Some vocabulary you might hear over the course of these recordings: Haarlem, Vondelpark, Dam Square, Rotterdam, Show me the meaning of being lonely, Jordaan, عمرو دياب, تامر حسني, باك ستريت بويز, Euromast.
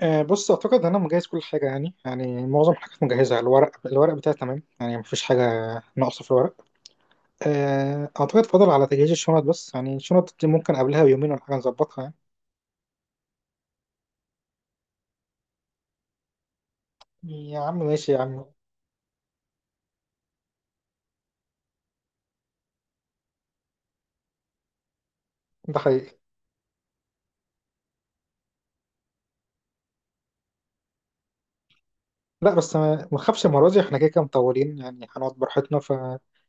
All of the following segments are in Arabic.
أه بص اعتقد انا مجهز كل حاجه. يعني معظم الحاجات مجهزه. الورق بتاعي تمام، يعني مفيش حاجه ناقصه في الورق. أه اعتقد فاضل على تجهيز الشنط، بس يعني الشنط دي ممكن قبلها بيومين ولا حاجه نظبطها. يعني يا عم ماشي يا عم. ده حقيقي. لا بس ما تخافش، المره دي احنا كده كده مطولين، يعني هنقعد براحتنا. فاكيد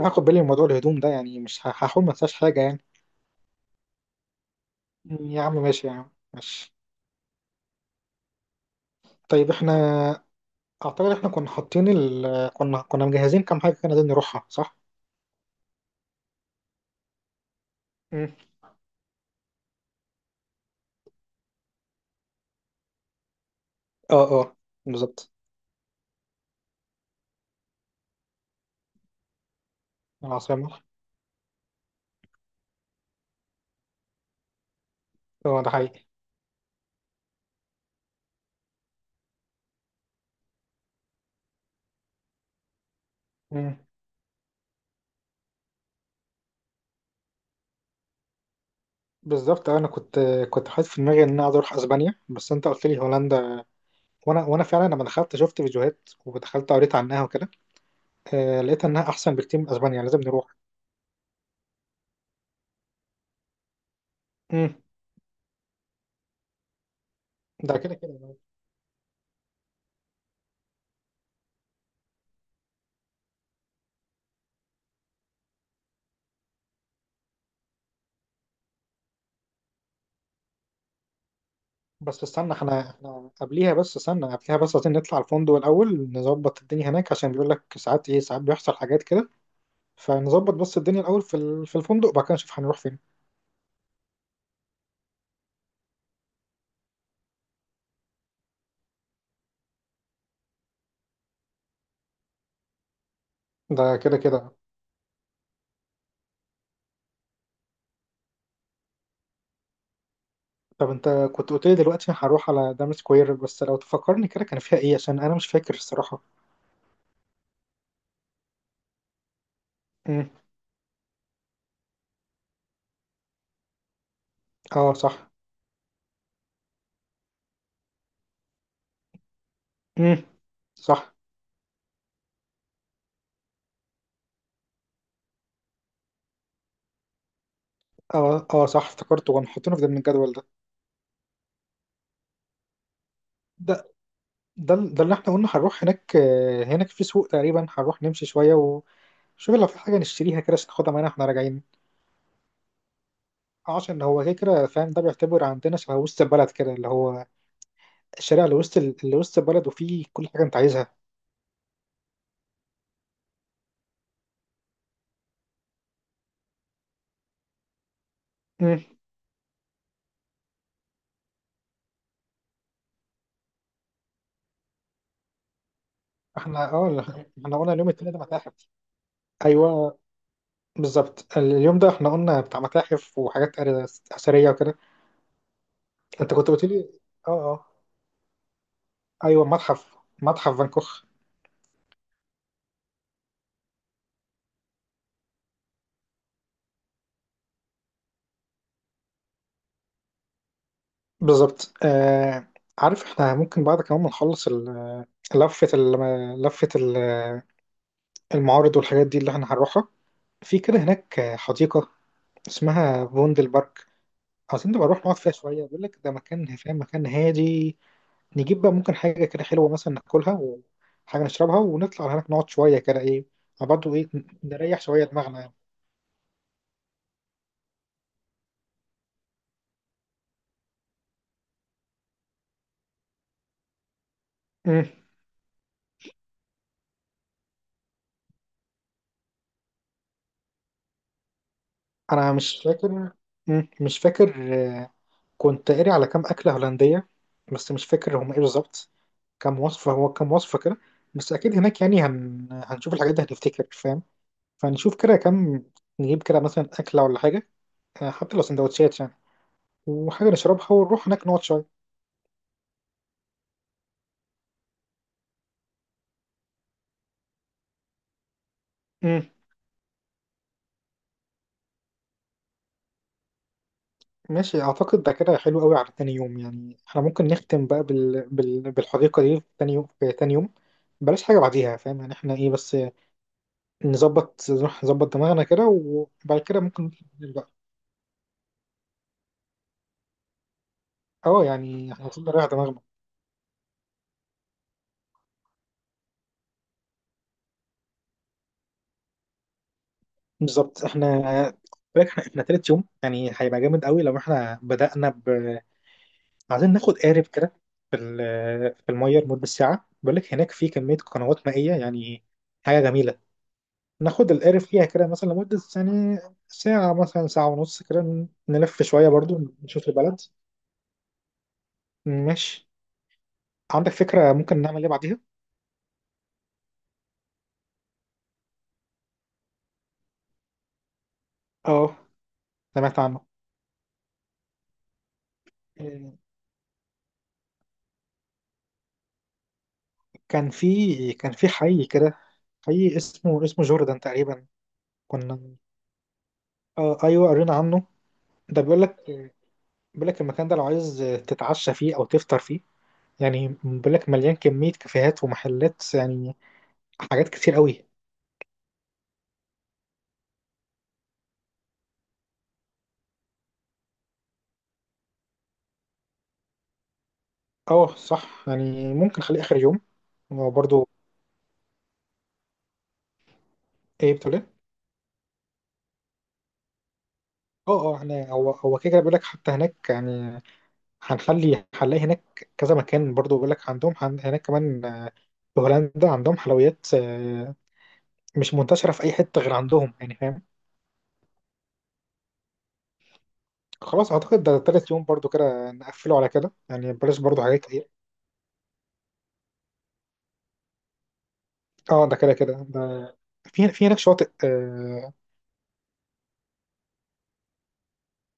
هاخد بالي من موضوع الهدوم ده، يعني مش ه- هحاول ما انساش حاجه يعني. يا عم ماشي يا عم ماشي. طيب احنا اعتقد احنا كنا حاطين كنا مجهزين كام حاجه كنا عايزين نروحها، صح؟ مم. اه، اه، بالظبط. العاصمة. اه ده حقيقي. مم. بالظبط انا كنت، كنت حاطط في دماغي ان انا عايز اروح اسبانيا، بس انت قلت لي هولندا. وانا فعلا لما دخلت شفت فيديوهات ودخلت قريت عنها وكده. آه، لقيت انها احسن بكتير من اسبانيا، لازم نروح. مم. ده كده كده. بس استنى، احنا قبليها، بس استنى قبليها بس عايزين نطلع الفندق الاول، نظبط الدنيا هناك، عشان بيقول لك ساعات ايه، ساعات بيحصل حاجات كده. فنظبط بس الدنيا الاول في الفندق، وبعد كده نشوف هنروح فين. ده كده كده. طب انت كنت قلت لي دلوقتي هروح على دام سكوير، بس لو تفكرني كده كان فيها ايه، عشان انا مش فاكر الصراحة. امم. اه صح. امم. صح. اه اه صح، افتكرته كانوا حاطينه في ضمن الجدول ده. ده، ده اللي احنا قلنا هنروح هناك. هناك في سوق، تقريبا هنروح نمشي شوية وشوف لو في حاجة نشتريها كده، عشان ناخدها معانا واحنا راجعين. اه عشان هو كده كده فاهم، ده بيعتبر عندنا شبه وسط البلد كده، اللي هو الشارع اللي وسط اللي وسط البلد، وفيه كل حاجة انت عايزها. امم. احنا اه احنا قلنا اليوم التاني ده متاحف. ايوه بالظبط اليوم ده احنا قلنا بتاع متاحف وحاجات اثريه وكده. انت كنت قلت لي، اه اه ايوه، متحف فانكوخ. بالظبط آه. عارف احنا ممكن بعد كمان ما نخلص لفه المعارض والحاجات دي اللي احنا هنروحها، في كده هناك حديقه اسمها فوندل بارك. عايزين نبقى نروح نقعد فيها شويه، بيقول لك ده مكان فاهم، مكان هادي. نجيب بقى ممكن حاجة كده حلوة مثلا ناكلها وحاجة نشربها، ونطلع على هناك نقعد شوية كده، إيه. أنا برضه إيه، نريح شوية دماغنا يعني. مم. أنا مش فاكر. مش فاكر. آه، كنت قاري على كام أكلة هولندية، بس مش فاكر هم إيه بالظبط. كام وصفة، هو كام وصفة كده. بس أكيد هناك يعني هنشوف الحاجات دي هنفتكر فاهم. فنشوف كده كام، نجيب كده مثلا أكلة ولا حاجة، آه، حتى لو سندوتشات يعني، وحاجة نشربها ونروح هناك نقعد شوية. ماشي اعتقد ده كده حلو قوي على تاني يوم، يعني احنا ممكن نختم بقى بالحديقه دي في تاني يوم، بلاش حاجه بعديها فاهم يعني. احنا ايه بس نظبط، نروح نظبط دماغنا كده، وبعد كده ممكن نبقى. اه يعني احنا المفروض نريح دماغنا. بالظبط احنا، بالك احنا تالت يوم يعني هيبقى جامد قوي، لو احنا بدأنا ب عايزين ناخد قارب كده في في الميه لمده ساعه. بقول لك هناك في كميه قنوات مائيه يعني، حاجه جميله. ناخد القارب فيها كده مثلا لمدة يعني ساعة، مثلا ساعة ونص كده، نلف شوية برضو، نشوف البلد. ماشي. عندك فكرة ممكن نعمل ايه بعديها؟ اه. سمعت عنه. إيه، كان في حي كده، حي اسمه اسمه جوردن تقريبا. كنا آه ايوه قرينا عنه. ده بيقول لك، بيقول لك المكان ده لو عايز تتعشى فيه او تفطر فيه، يعني بيقول لك مليان كمية كافيهات ومحلات يعني، حاجات كتير قوي. اه صح، يعني ممكن نخليه اخر يوم. وبرضه ايه، بتقول إيه؟ اه اه احنا هو كده كده بيقول لك حتى هناك يعني، هنخلي هنلاقي هناك كذا مكان برضو، بيقول لك عندهم هناك كمان آه، في هولندا عندهم حلويات، آه، مش منتشرة في أي حتة غير عندهم يعني فاهم. خلاص أعتقد ده تالت يوم برضو كده نقفله على كده يعني، بلاش برضو حاجات كتير. اه ده كده كده ده، في هناك شواطئ اه.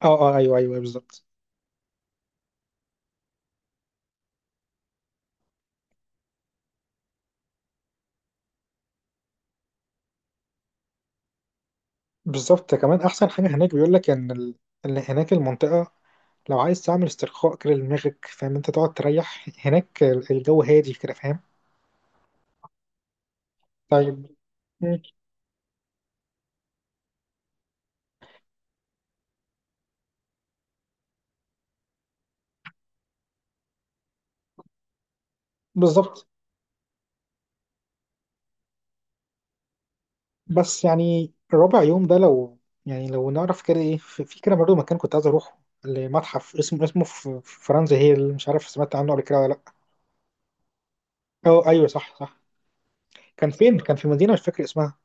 اه آه، ايوه ايوه أيوه، بالظبط. بالظبط كمان أحسن حاجة هناك، بيقول لك إن إن هناك المنطقة لو عايز تعمل استرخاء كده لدماغك فاهم، انت تقعد تريح هناك، الجو هادي كده فاهم. طيب. مم. بالظبط. بس يعني ربع يوم ده لو، يعني لو نعرف كده ايه، في كده برضه مكان كنت عايز اروحه، لمتحف اسمه، اسمه في فرنسا هي، اللي مش عارف سمعت عنه قبل كده ولا لا. اه ايوه صح صح. كان في مدينه مش فاكر اسمها.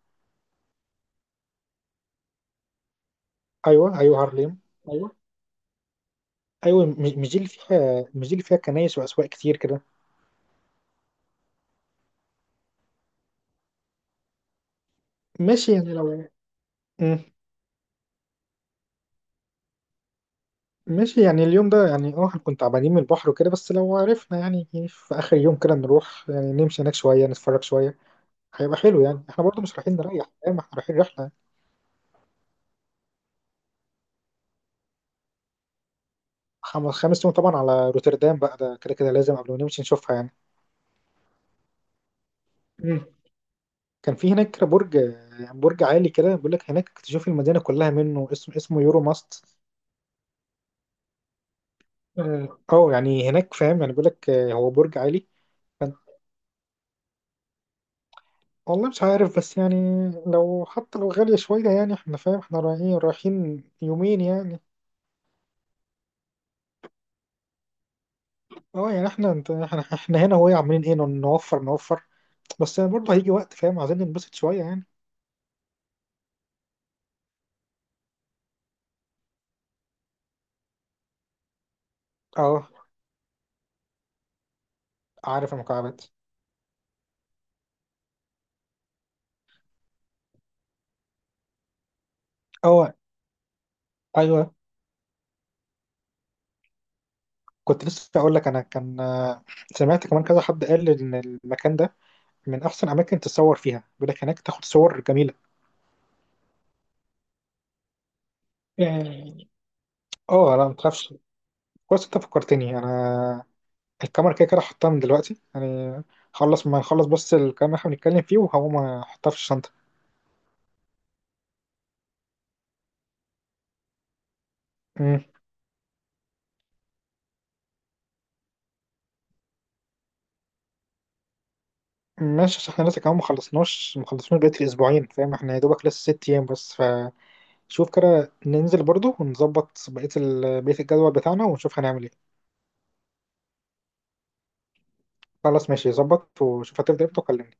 ايوه ايوه هارليم. ايوه. ايوه مش دي اللي فيها، كنايس واسواق كتير كده. ماشي يعني لو. مم. ماشي يعني اليوم ده يعني اه هنكون تعبانين من البحر وكده، بس لو عرفنا يعني إيه، في اخر يوم كده نروح يعني نمشي هناك شويه نتفرج شويه. هيبقى حلو يعني، احنا برضو مش رايحين نريح فاهم، احنا رايحين رحله. خمس يوم طبعا على روتردام بقى، ده كده كده لازم قبل ما نمشي نشوفها يعني. مم. كان في هناك برج، برج عالي كده، بيقول لك هناك تشوف المدينه كلها منه، اسمه اسمه يورو ماست. اه أو يعني هناك فاهم، يعني بيقول لك هو برج عالي. فأنت- والله مش عارف، بس يعني لو حتى لو غاليه شويه يعني احنا فاهم، احنا رايحين، يومين يعني. اه يعني احنا انت احنا, احنا هنا وهي عاملين ايه، نوفر، بس يعني برضه هيجي وقت فاهم عايزين ننبسط شويه يعني. اه عارف المكعبات. اه ايوه. كنت لسه اقول لك، انا كان آه، سمعت كمان كذا حد قال ان المكان ده من احسن اماكن تتصور فيها، بيقول لك هناك تاخد صور جميله. اه آه، لا ما تخافش، كويس انت فكرتني، انا الكاميرا كده كده حطها من دلوقتي يعني، خلص ما نخلص بس الكلام اللي احنا بنتكلم فيه وهقوم احطها في الشنطه. مم. ماشي، عشان احنا لسه كمان ما خلصناش بقيت الاسبوعين فاهم، احنا يا دوبك لسه 6 ايام بس، فشوف كده ننزل برضو ونظبط بقيه بقيه الجدول بتاعنا ونشوف هنعمل ايه. خلاص ماشي ظبط وشوف هتفضل امتى وكلمني.